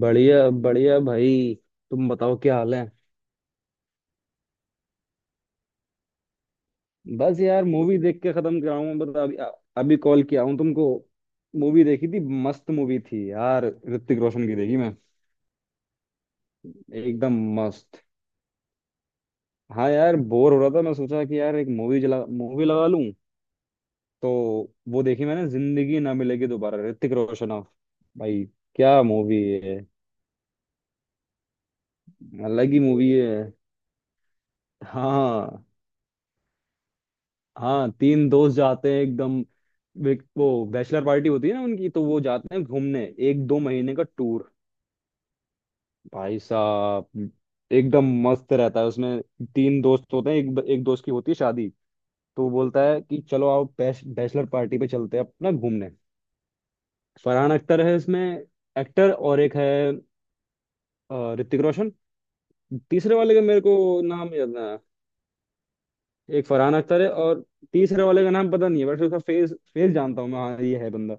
बढ़िया बढ़िया भाई। तुम बताओ क्या हाल है। बस यार मूवी देख के खत्म कराऊं बता अभी। अभी कॉल किया हूं तुमको। मूवी देखी थी, मस्त मूवी थी यार। ऋतिक रोशन की देखी मैं। एकदम मस्त। हाँ यार, बोर हो रहा था, मैं सोचा कि यार एक मूवी जला मूवी लगा लूं तो वो देखी मैंने, जिंदगी ना मिलेगी दोबारा, ऋतिक रोशन ऑफ भाई, क्या मूवी है। अलग ही मूवी है। हाँ, हाँ तीन दोस्त जाते हैं एकदम वो बैचलर पार्टी होती है ना उनकी, तो वो जाते हैं घूमने, एक दो महीने का टूर। भाई साहब एकदम मस्त रहता है उसमें। तीन दोस्त होते हैं, एक एक दोस्त की होती है शादी। तो वो बोलता है कि चलो आओ बैचलर पार्टी पे चलते हैं अपना घूमने। फरहान अख्तर है इसमें एक्टर, और एक है ऋतिक रोशन। तीसरे वाले का मेरे को नाम याद ना है। एक फरहान अख्तर है, और तीसरे वाले का नाम पता नहीं है, बट उसका फेस फेस जानता हूँ मैं। हाँ ये है बंदा।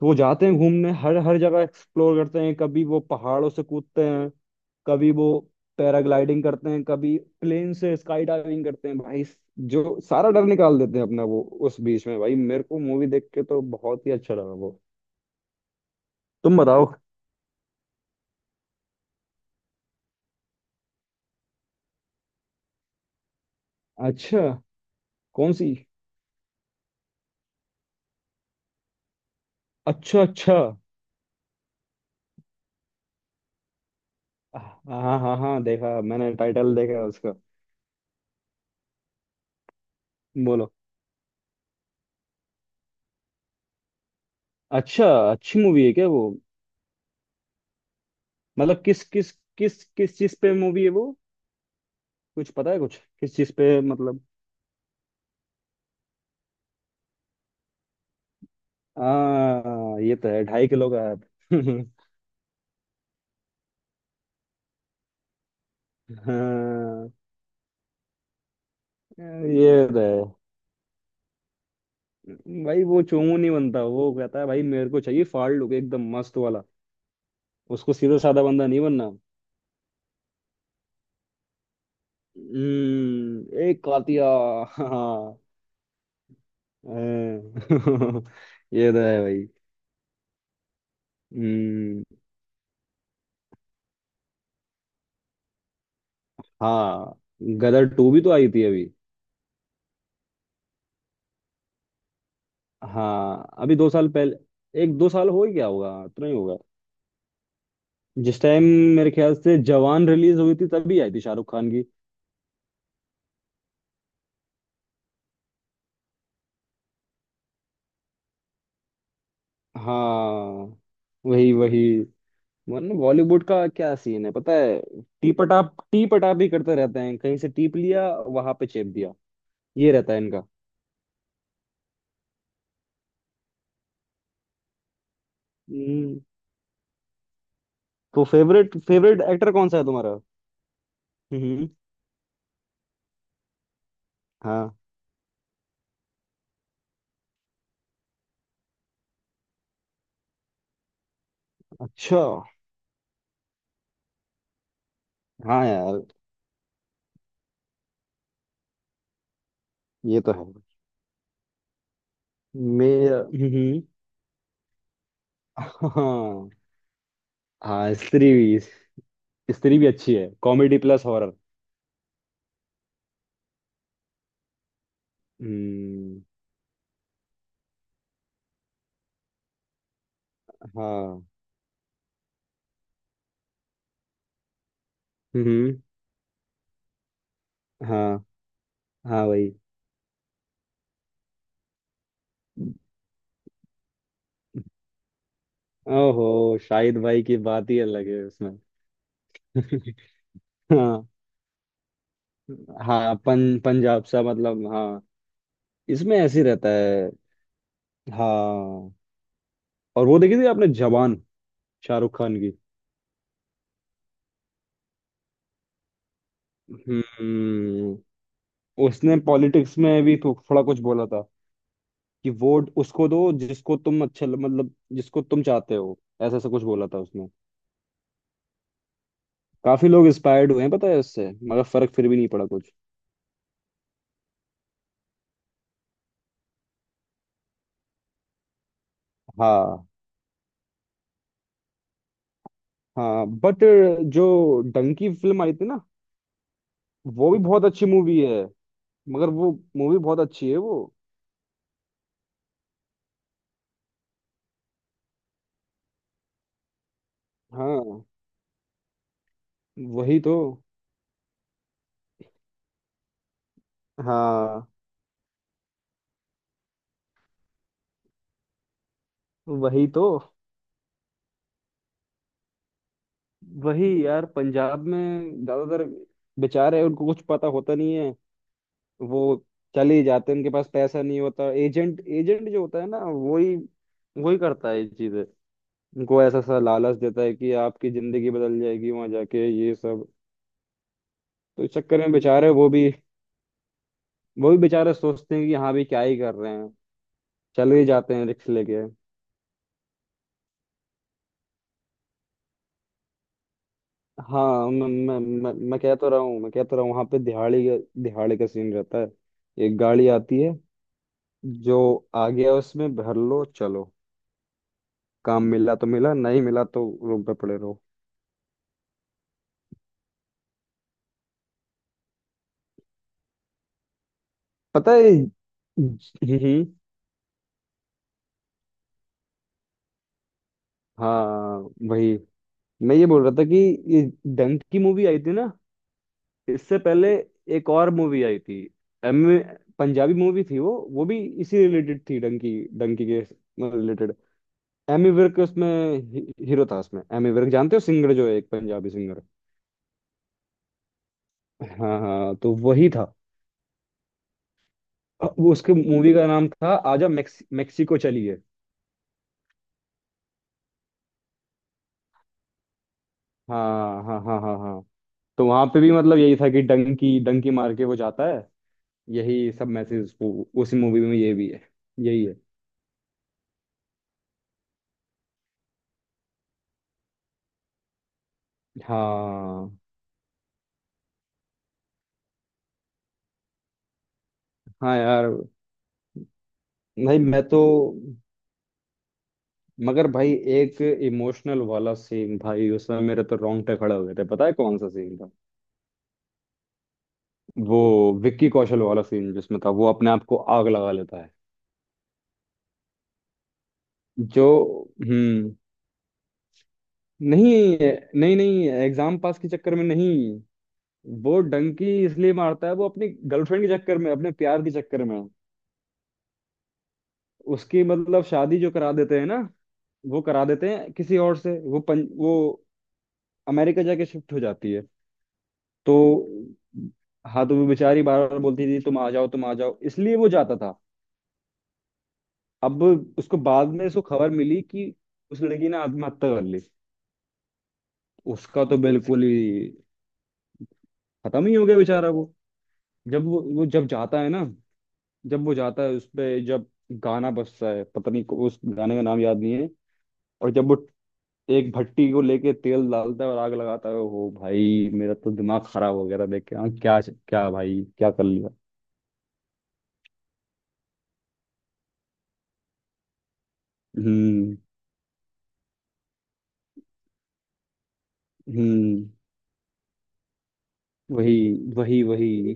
तो वो जाते हैं घूमने, हर हर जगह एक्सप्लोर करते हैं। कभी वो पहाड़ों से कूदते हैं, कभी वो पैराग्लाइडिंग करते हैं, कभी प्लेन से स्काई डाइविंग करते हैं भाई। जो सारा डर निकाल देते हैं अपना वो। उस बीच में भाई मेरे को मूवी देख के तो बहुत ही अच्छा लगा वो। तुम बताओ। अच्छा। कौन सी। अच्छा अच्छा। हाँ हाँ हाँ, देखा मैंने टाइटल देखा उसका। बोलो। अच्छा। अच्छी मूवी है क्या वो। मतलब किस किस, किस किस चीज पे मूवी है वो। कुछ पता है कुछ, किस चीज पे मतलब। हाँ, ये तो है ढाई किलो का हाथ। हाँ, ये तो है भाई। वो चोमू नहीं बनता, वो कहता है भाई मेरे को चाहिए फाड़लूक एकदम मस्त वाला। उसको सीधा साधा बंदा नहीं बनना। हम्म, एक कातिया। हाँ, हाँ। ये तो है भाई। हम्म। हाँ, गदर टू भी तो आई थी अभी। हाँ, अभी दो साल पहले। एक दो साल हो ही गया होगा, इतना ही होगा। जिस टाइम, मेरे ख्याल से जवान रिलीज हुई थी तभी आई थी शाहरुख खान की। हाँ, वही वही। वरना बॉलीवुड का क्या सीन है पता है। टी पटाप ही करते रहते हैं, कहीं से टीप लिया वहां पे चेप दिया। ये रहता है इनका। हम्म, तो फेवरेट फेवरेट एक्टर कौन सा है तुम्हारा। हम्म। हाँ। अच्छा। हाँ यार। ये तो है। मेरा हम्म। हाँ। हाँ, स्त्री भी, स्त्री भी अच्छी है, कॉमेडी प्लस हॉरर। हम्म। हाँ। हम्म। हाँ, हाँ, वही। ओहो, शाहिद भाई की बात ही अलग है उसमें। हाँ। हाँ पंजाब सा मतलब, हाँ। इसमें ऐसे ही रहता है। हाँ। और वो देखी थी आपने जवान शाहरुख खान की। हम्म। उसने पॉलिटिक्स में भी थोड़ा कुछ बोला था कि वोट उसको दो जिसको तुम अच्छा मतलब जिसको तुम चाहते हो, ऐसा ऐसा कुछ बोला था उसने। काफी लोग इंस्पायर्ड हुए हैं पता है उससे, मगर फर्क फिर भी नहीं पड़ा कुछ। हाँ हाँ, बट जो डंकी फिल्म आई थी ना, वो भी बहुत अच्छी मूवी है। मगर वो मूवी बहुत अच्छी है वो। हाँ वही तो। हाँ वही तो। वही यार, पंजाब में ज्यादातर बेचारे हैं, उनको कुछ पता होता नहीं है। वो चले ही जाते हैं, उनके पास पैसा नहीं होता। एजेंट एजेंट जो होता है ना वही, वही करता है ये चीजें। उनको ऐसा सा लालच देता है कि आपकी जिंदगी बदल जाएगी वहां जाके ये सब। तो इस चक्कर में बेचारे वो भी, वो भी बेचारे सोचते हैं कि हाँ भी क्या ही कर रहे हैं, चले ही जाते हैं रिक्स लेके। हाँ मैं कह तो रहा हूँ, मैं कह तो रहा हूँ वहां पे दिहाड़ी का, दिहाड़ी का सीन रहता है। एक गाड़ी आती है, जो आ गया उसमें भर लो चलो। काम मिला तो मिला, नहीं मिला तो रूम पे पड़े रहो। पता है। हम्म। हम्म, हाँ वही, मैं ये बोल रहा था कि ये डंक की मूवी आई थी ना, इससे पहले एक और मूवी आई थी। एम पंजाबी मूवी थी वो भी इसी रिलेटेड थी, डंकी डंकी के रिलेटेड। एमी विर्क उसमें हीरो था उसमें। एमी विर्क, जानते हो सिंगर जो है, एक पंजाबी सिंगर। हाँ हाँ, तो वही था। वो उसके मूवी का नाम था आजा मेक्सिको चलिए। हाँ हाँ हाँ हाँ हाँ। तो वहां पे भी मतलब यही था कि डंकी डंकी मार के वो जाता है, यही सब मैसेज उसी मूवी में, ये भी है यही है। हाँ हाँ यार। नहीं मैं तो, मगर भाई एक इमोशनल वाला सीन भाई उसमें, मेरे तो रोंगटे खड़े हो गए थे। पता है कौन सा सीन। वो विक्की कौशल वाला सीन, जिसमें था वो अपने आप को आग लगा लेता है जो। हम्म। नहीं नहीं नहीं, एग्जाम पास के चक्कर में नहीं, वो डंकी इसलिए मारता है वो अपनी गर्लफ्रेंड के चक्कर में, अपने प्यार के चक्कर में। उसकी मतलब शादी जो करा देते हैं ना, वो करा देते हैं किसी और से, वो वो अमेरिका जाके शिफ्ट हो जाती है। तो हाँ, तो वो बेचारी बार बार बोलती थी तुम आ जाओ तुम आ जाओ, इसलिए वो जाता था। अब उसको बाद में उसको खबर मिली कि उस लड़की ने आत्महत्या कर ली। उसका तो बिल्कुल ही खत्म ही हो गया बेचारा वो। जब वो जब जाता है ना, जब वो जाता है उस पे, जब गाना बजता है पता नहीं उस गाने का नाम याद नहीं है। और जब वो एक भट्टी को लेके तेल डालता है और आग लगाता है, ओ भाई मेरा तो दिमाग खराब हो गया था देख के। हाँ क्या क्या भाई क्या कर लिया। हम्म हम्म, वही वही वही।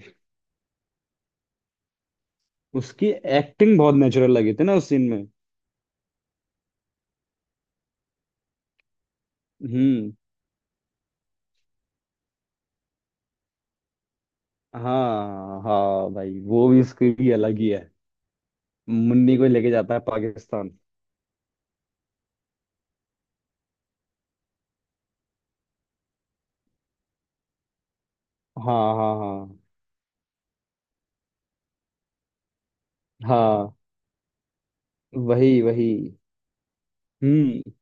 उसकी एक्टिंग बहुत नेचुरल लगी थी ना उस सीन में। हम्म। हाँ हाँ भाई, वो भी उसकी भी अलग ही है। मुन्नी को लेके जाता है पाकिस्तान। हाँ हाँ हाँ हाँ। वही वही। हम्म।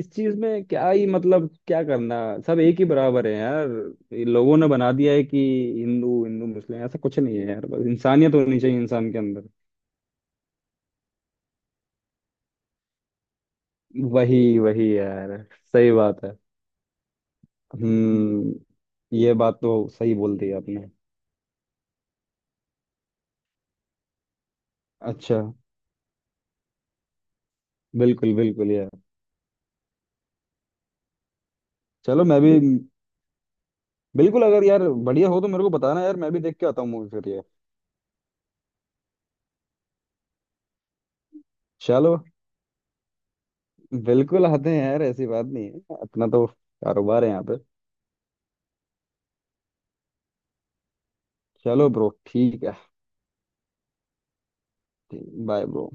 इस चीज में क्या ही मतलब, क्या करना। सब एक ही बराबर है यार। ये लोगों ने बना दिया है कि हिंदू, हिंदू मुस्लिम ऐसा कुछ नहीं है यार, बस इंसानियत होनी चाहिए इंसान के अंदर। वही वही यार। सही बात है। हम्म। ये बात तो सही बोल दी आपने। अच्छा। बिल्कुल बिल्कुल यार। चलो मैं भी। बिल्कुल, अगर यार बढ़िया हो तो मेरे को बताना यार, मैं भी देख के आता हूँ मूवी फिर ये। चलो। बिल्कुल आते हैं यार, ऐसी बात नहीं है, अपना तो कारोबार है यहाँ पे। चलो ब्रो, ठीक है। ठीक, बाय ब्रो।